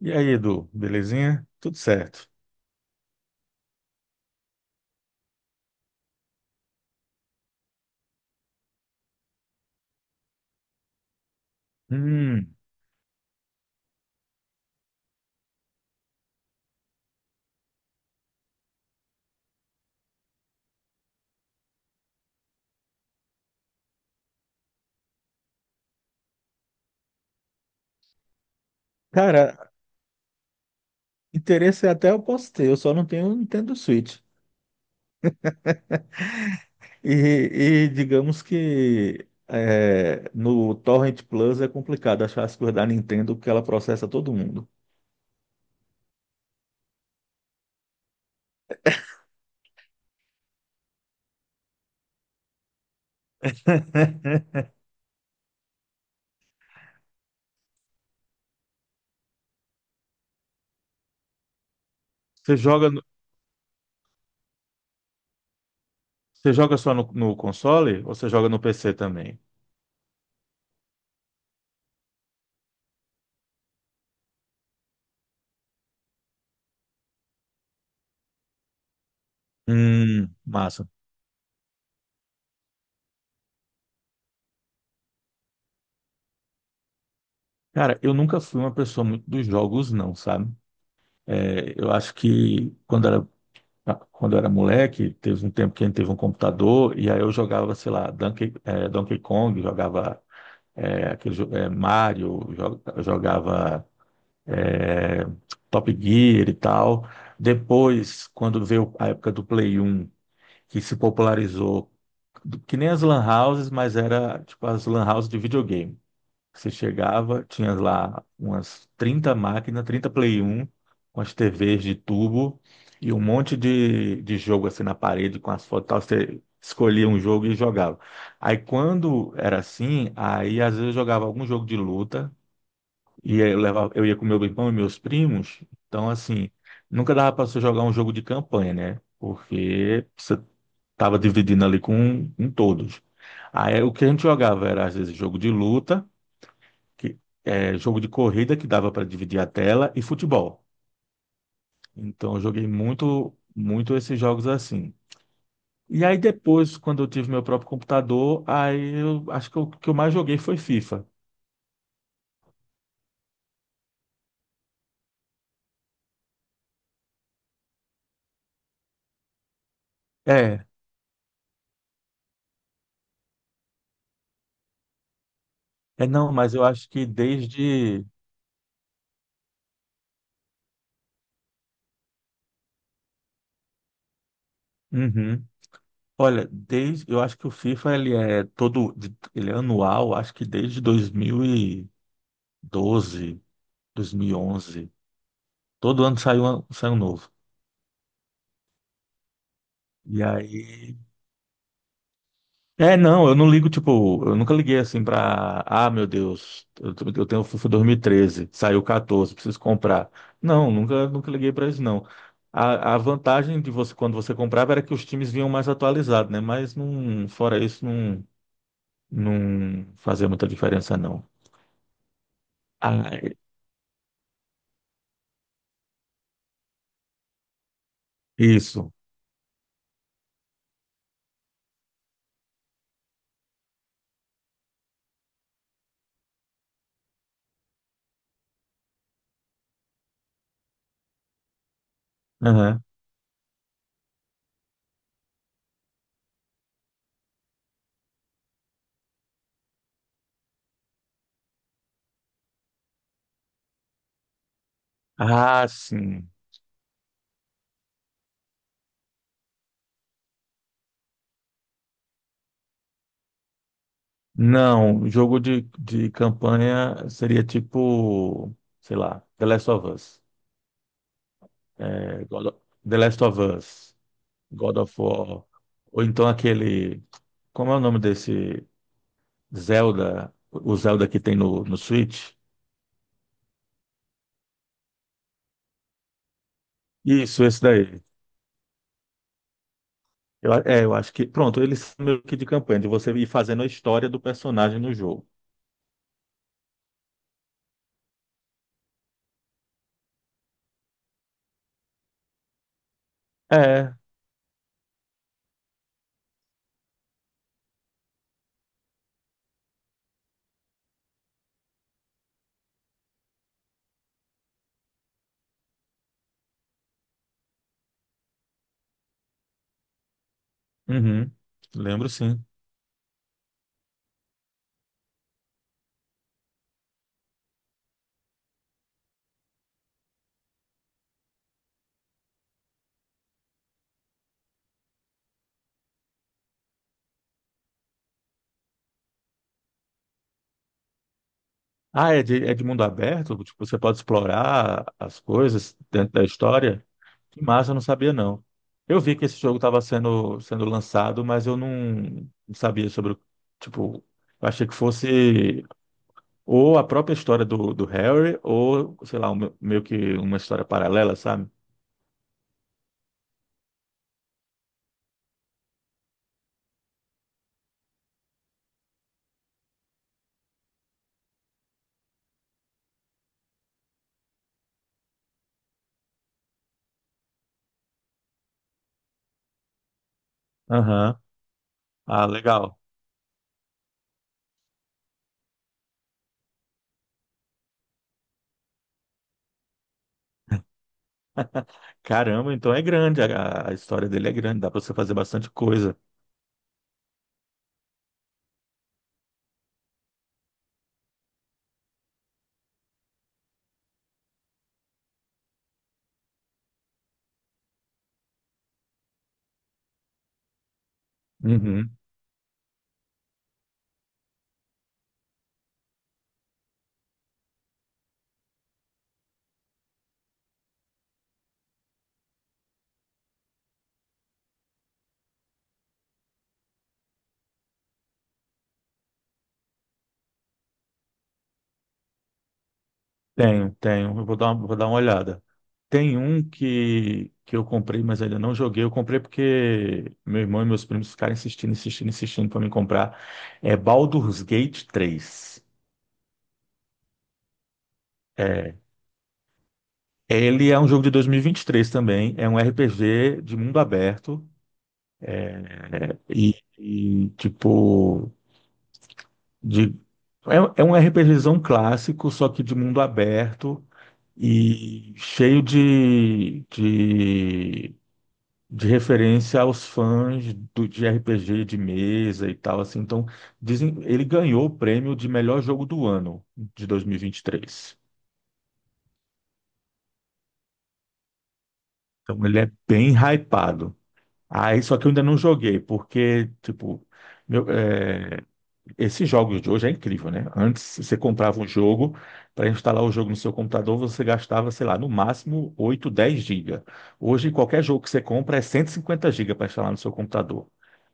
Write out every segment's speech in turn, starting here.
E aí, Edu, belezinha? Tudo certo. Hum, cara, interesse até eu posso ter, eu só não tenho um Nintendo Switch. E, e digamos que é, no Torrent Plus é complicado achar as coisas da Nintendo porque ela processa todo mundo. Você joga, no- Você joga só no console ou você joga no PC também? Massa. Cara, eu nunca fui uma pessoa muito dos jogos, não, sabe? É, eu acho que quando eu era moleque, teve um tempo que a gente teve um computador e aí eu jogava, sei lá, Donkey Kong, jogava aquele, Mario, jogava eh, Top Gear e tal. Depois, quando veio a época do Play 1, que se popularizou, que nem as lan houses, mas era tipo as lan houses de videogame. Você chegava, tinha lá umas 30 máquinas, 30 Play 1, com as TVs de tubo e um monte de jogo assim na parede com as fotos e tal. Você escolhia um jogo e jogava. Aí quando era assim, aí às vezes eu jogava algum jogo de luta e aí eu ia com meu irmão e meus primos. Então, assim, nunca dava para você jogar um jogo de campanha, né? Porque você tava dividindo ali com todos. Aí o que a gente jogava era às vezes jogo de luta que jogo de corrida que dava para dividir a tela e futebol. Então eu joguei muito, muito esses jogos assim. E aí depois, quando eu tive meu próprio computador, aí eu acho que o que eu mais joguei foi FIFA. É, é, não, mas eu acho que desde. Uhum. Olha, desde eu acho que o FIFA ele é anual, acho que desde 2012, 11, todo ano sai um novo. E aí é, não, eu não ligo, tipo, eu nunca liguei assim pra. Ah, meu Deus, eu tenho o FIFA 2013, saiu 14, preciso comprar. Não, nunca, nunca liguei pra isso, não. A vantagem de você, quando você comprava, era que os times vinham mais atualizados, né? Mas não, fora isso, não, não fazia muita diferença, não. Ah, isso. Aham. Ah, sim. Não, jogo de campanha seria tipo, sei lá, The Last of Us. É, The Last of Us. God of War, ou então aquele, como é o nome desse Zelda, o Zelda que tem no Switch? Isso, esse daí. Eu acho que, pronto, eles são meio que de campanha, de você ir fazendo a história do personagem no jogo. É, uhum, lembro sim. Ah, é de mundo aberto? Tipo, você pode explorar as coisas dentro da história? Que massa, eu não sabia não. Eu vi que esse jogo estava sendo lançado, mas eu não sabia sobre. Tipo, eu achei que fosse. Ou a própria história do Harry, ou, sei lá, meio que uma história paralela, sabe? Aham. Ah, legal. Caramba, então é grande, a história dele é grande, dá pra você fazer bastante coisa. Uhum. Tenho, tenho. Eu vou dar uma olhada. Tem um que eu comprei, mas ainda não joguei. Eu comprei porque meu irmão e meus primos ficaram insistindo, insistindo, insistindo para me comprar. É Baldur's Gate 3. É. Ele é um jogo de dois mil e vinte e três também. É um RPG de mundo aberto. É, tipo, de, é um RPGzão clássico, só que de mundo aberto e cheio de referência aos fãs do, de RPG de mesa e tal, assim. Então, dizem, ele ganhou o prêmio de melhor jogo do ano de 2023. Então, ele é bem hypado. Aí, só que eu ainda não joguei, porque, tipo, meu, é, esses jogos de hoje é incrível, né? Antes você comprava um jogo, para instalar o jogo no seu computador, você gastava, sei lá, no máximo 8, 10 gigas. Hoje, qualquer jogo que você compra é 150 gigas para instalar no seu computador.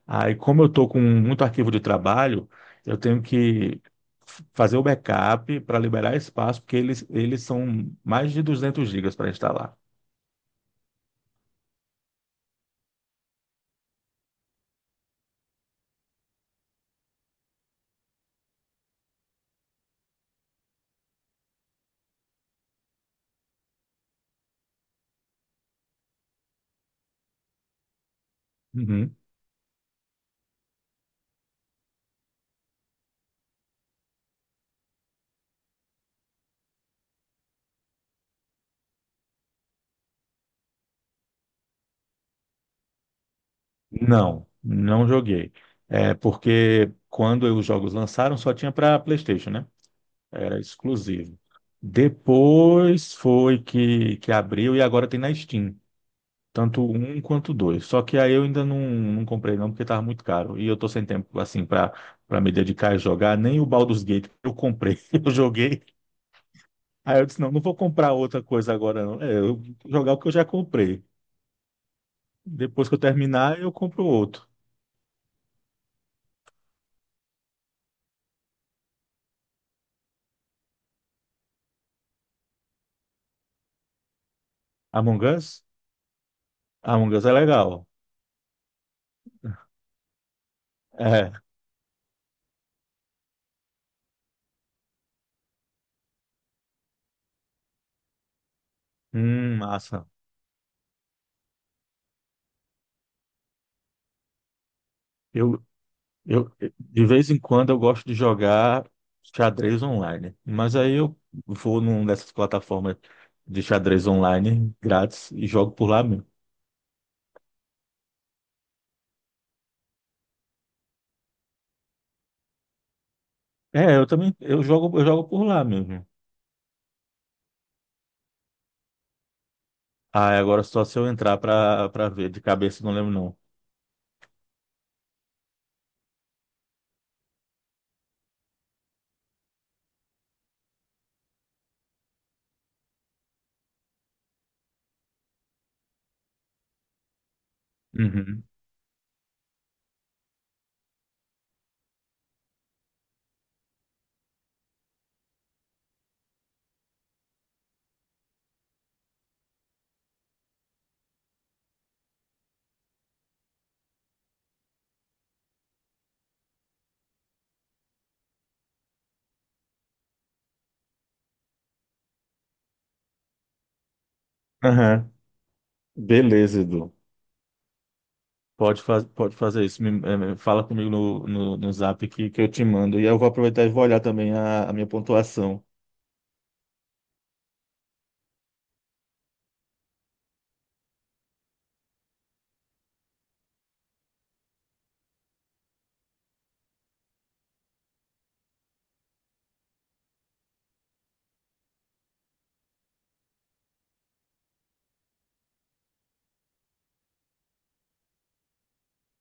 Aí, como eu estou com muito arquivo de trabalho, eu tenho que fazer o backup para liberar espaço, porque eles são mais de 200 gigas para instalar. Uhum. Não, não joguei. É porque quando os jogos lançaram, só tinha para PlayStation, né? Era exclusivo. Depois foi que abriu e agora tem na Steam. Tanto o um quanto o dois. Só que aí eu ainda não comprei não, porque tava muito caro. E eu tô sem tempo, assim, pra me dedicar a jogar. Nem o Baldur's Gate que eu comprei. Eu joguei. Aí eu disse, não, não vou comprar outra coisa agora, não. É, eu vou jogar o que eu já comprei. Depois que eu terminar, eu compro outro. Among Us? Among Us é legal. É. Massa. Eu, Eu, de vez em quando eu gosto de jogar xadrez online, mas aí eu vou numa dessas plataformas de xadrez online grátis e jogo por lá mesmo. É, eu também, eu jogo por lá mesmo. Ah, é, agora só se eu entrar pra ver, de cabeça eu não lembro não. Uhum. Aham. Beleza, Edu. Pode fazer isso. Fala comigo no zap que eu te mando. E eu vou aproveitar e vou olhar também a minha pontuação.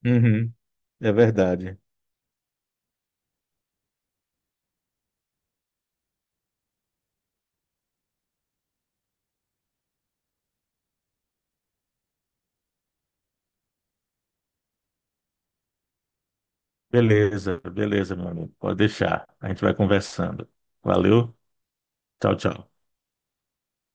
Uhum. É verdade. Beleza, beleza, meu amigo. Pode deixar. A gente vai conversando. Valeu. Tchau, tchau.